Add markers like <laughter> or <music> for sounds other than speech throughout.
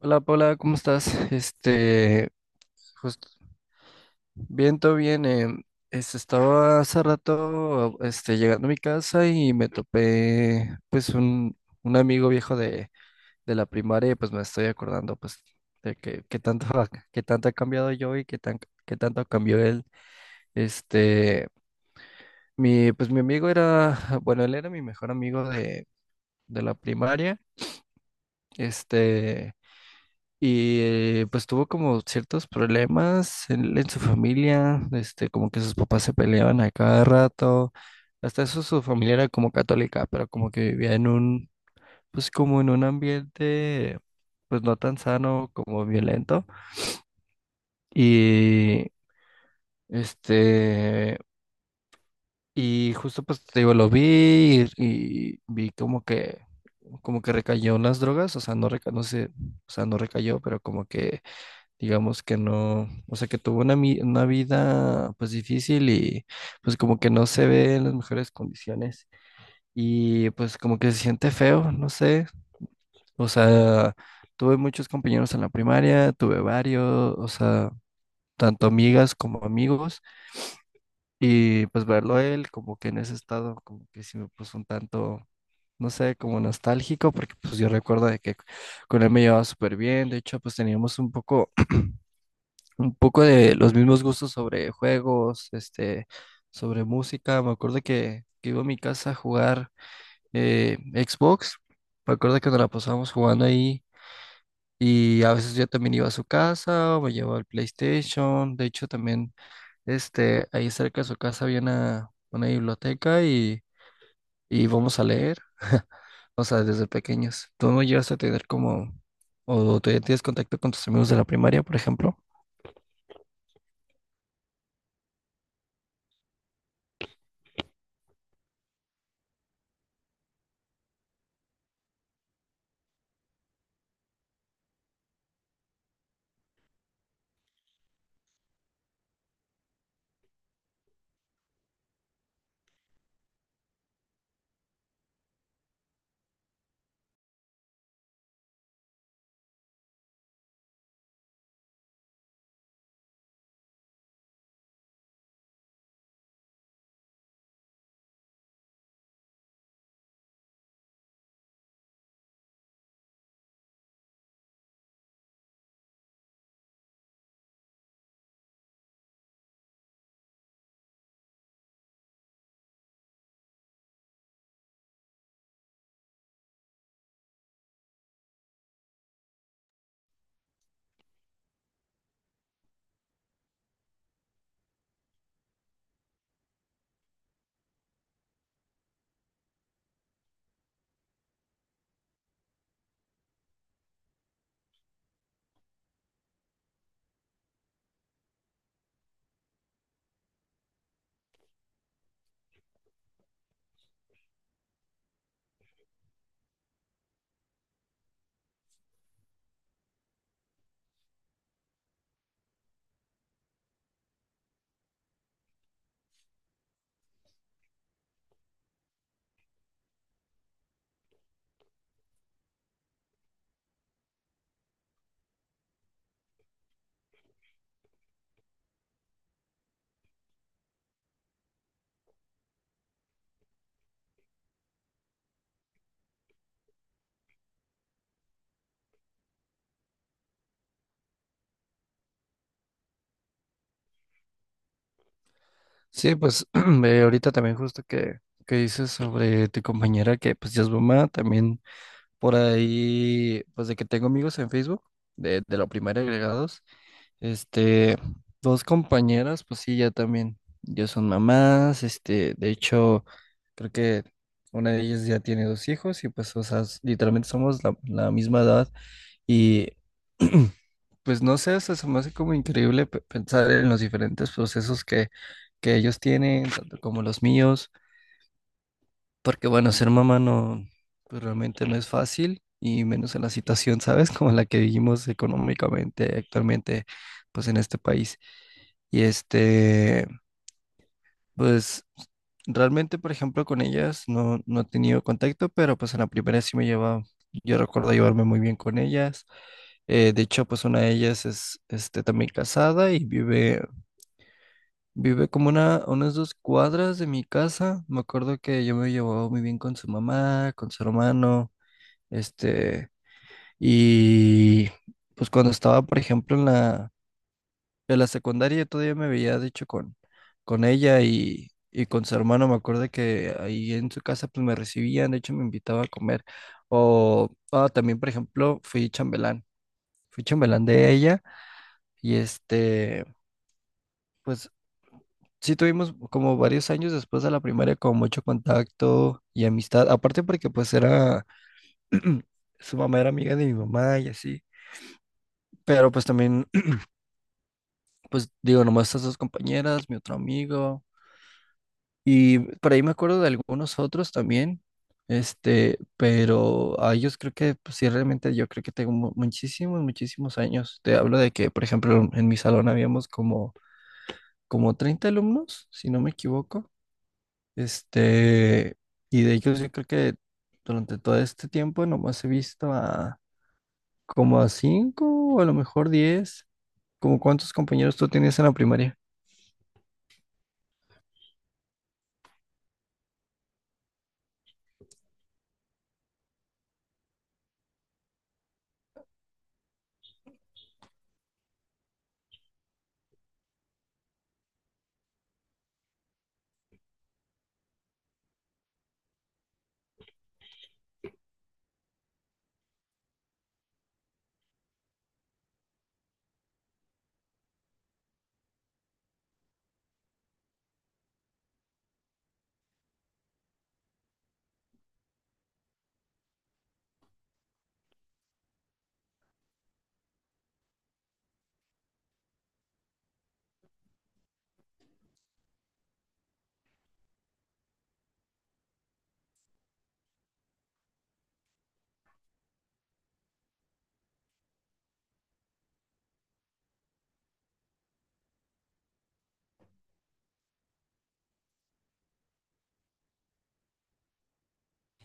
Hola Paula, ¿cómo estás? Este, justo, bien, todo bien. Estaba hace rato, este, llegando a mi casa y me topé, pues, un amigo viejo de la primaria y pues me estoy acordando, pues, de que tanto, que tanto he cambiado yo y que que tanto cambió él. Este, pues mi amigo era, bueno, él era mi mejor amigo de la primaria. Este... Y pues tuvo como ciertos problemas en su familia, este, como que sus papás se peleaban a cada rato. Hasta eso su familia era como católica, pero como que vivía en un, pues como en un ambiente, pues no tan sano como violento. Y este, y justo pues te digo, lo vi y vi como que recayó en las drogas, o sea, no sé, o sea, no recayó, pero como que digamos que no, o sea, que tuvo una vida pues difícil y pues como que no se ve en las mejores condiciones y pues como que se siente feo, no sé, o sea, tuve muchos compañeros en la primaria, tuve varios, o sea, tanto amigas como amigos y pues verlo a él como que en ese estado como que sí me puso un tanto... No sé, como nostálgico, porque pues yo recuerdo de que con él me llevaba súper bien, de hecho pues teníamos un poco de los mismos gustos sobre juegos, este, sobre música. Me acuerdo que iba a mi casa a jugar Xbox. Me acuerdo que nos la pasábamos jugando ahí. Y a veces yo también iba a su casa, o me llevaba el PlayStation. De hecho, también este, ahí cerca de su casa había una biblioteca y íbamos a leer. O sea, desde pequeños. ¿Tú no llegaste a tener como, o todavía tienes contacto con tus amigos de la primaria, por ejemplo? Sí, pues <clears throat> ahorita también justo que dices sobre tu compañera que pues ya es mamá, también por ahí, pues de que tengo amigos en Facebook de la primaria agregados. Este, dos compañeras, pues sí, ya también, ya son mamás, este, de hecho, creo que una de ellas ya tiene dos hijos y pues, o sea, literalmente somos la, la misma edad y <clears throat> pues no sé, o sea, se me hace como increíble pensar en los diferentes procesos que ellos tienen, tanto como los míos, porque bueno, ser mamá no, pues realmente no es fácil y menos en la situación, ¿sabes? <laughs> Como la que vivimos económicamente actualmente, pues en este país. Y este, pues realmente, por ejemplo, con ellas no, no he tenido contacto, pero pues en la primera sí me llevaba, yo recuerdo llevarme muy bien con ellas. De hecho, pues una de ellas es este, también casada y vive, vive como una, unas dos cuadras de mi casa. Me acuerdo que yo me llevaba muy bien con su mamá, con su hermano, este, y pues cuando estaba, por ejemplo, en la, en la secundaria yo todavía me veía, de hecho, con ella y con su hermano. Me acuerdo que ahí en su casa pues me recibían, de hecho me invitaba a comer. O ah, también, por ejemplo, fui chambelán. Fui chambelán de ella y este, pues sí tuvimos como varios años después de la primaria como mucho contacto y amistad. Aparte porque pues era, <clears throat> su mamá era amiga de mi mamá y así. Pero pues también, <clears throat> pues digo, nomás estas dos compañeras, mi otro amigo. Y por ahí me acuerdo de algunos otros también, este, pero a ellos creo que, pues sí, realmente yo creo que tengo muchísimos, muchísimos años. Te hablo de que, por ejemplo, en mi salón habíamos como, como 30 alumnos, si no me equivoco, este, y de ellos yo creo que durante todo este tiempo nomás he visto a como a 5 o a lo mejor 10 como cuántos compañeros tú tenías en la primaria.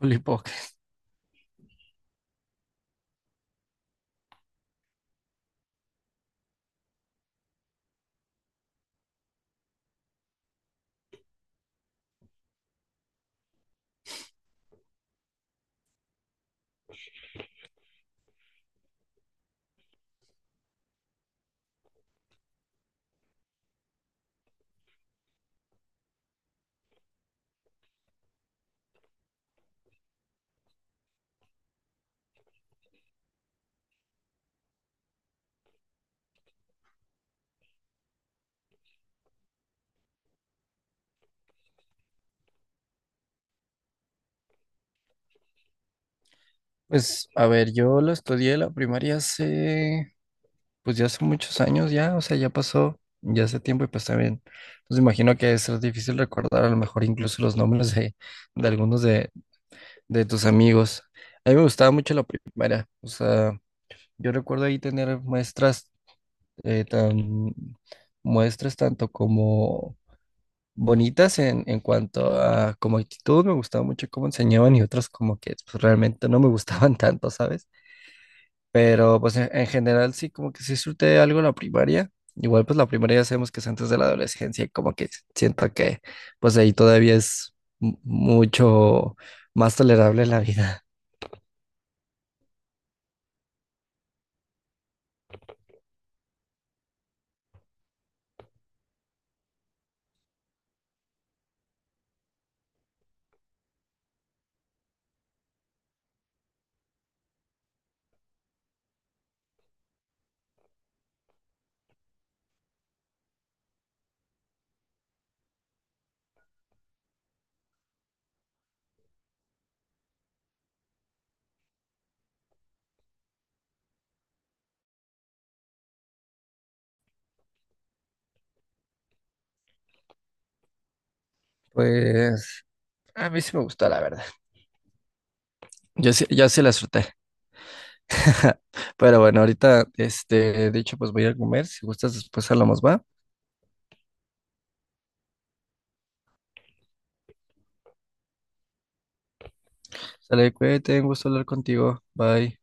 Juli, poc. Pues, a ver, yo lo estudié la primaria hace... Pues ya hace muchos años ya, o sea, ya pasó, ya hace tiempo y pues también, pues imagino que es difícil recordar a lo mejor incluso los nombres de algunos de tus amigos. A mí me gustaba mucho la primaria, o sea, yo recuerdo ahí tener muestras, eh, tan, muestras tanto como bonitas en cuanto a como actitud, me gustaba mucho cómo enseñaban y otras como que pues, realmente no me gustaban <laughs> tanto, ¿sabes? Pero pues en general sí, como que sí surte algo la primaria. Igual pues la primaria ya sabemos que es antes de la adolescencia, y como que siento que pues ahí todavía es mucho más tolerable la vida. Pues a mí sí me gustó, la verdad. Yo sí, yo sí la disfruté. <laughs> Pero bueno, ahorita, este, de hecho, pues voy a comer. Si gustas, después hablamos, ¿va? Sale, cuídate, un gusto hablar contigo. Bye.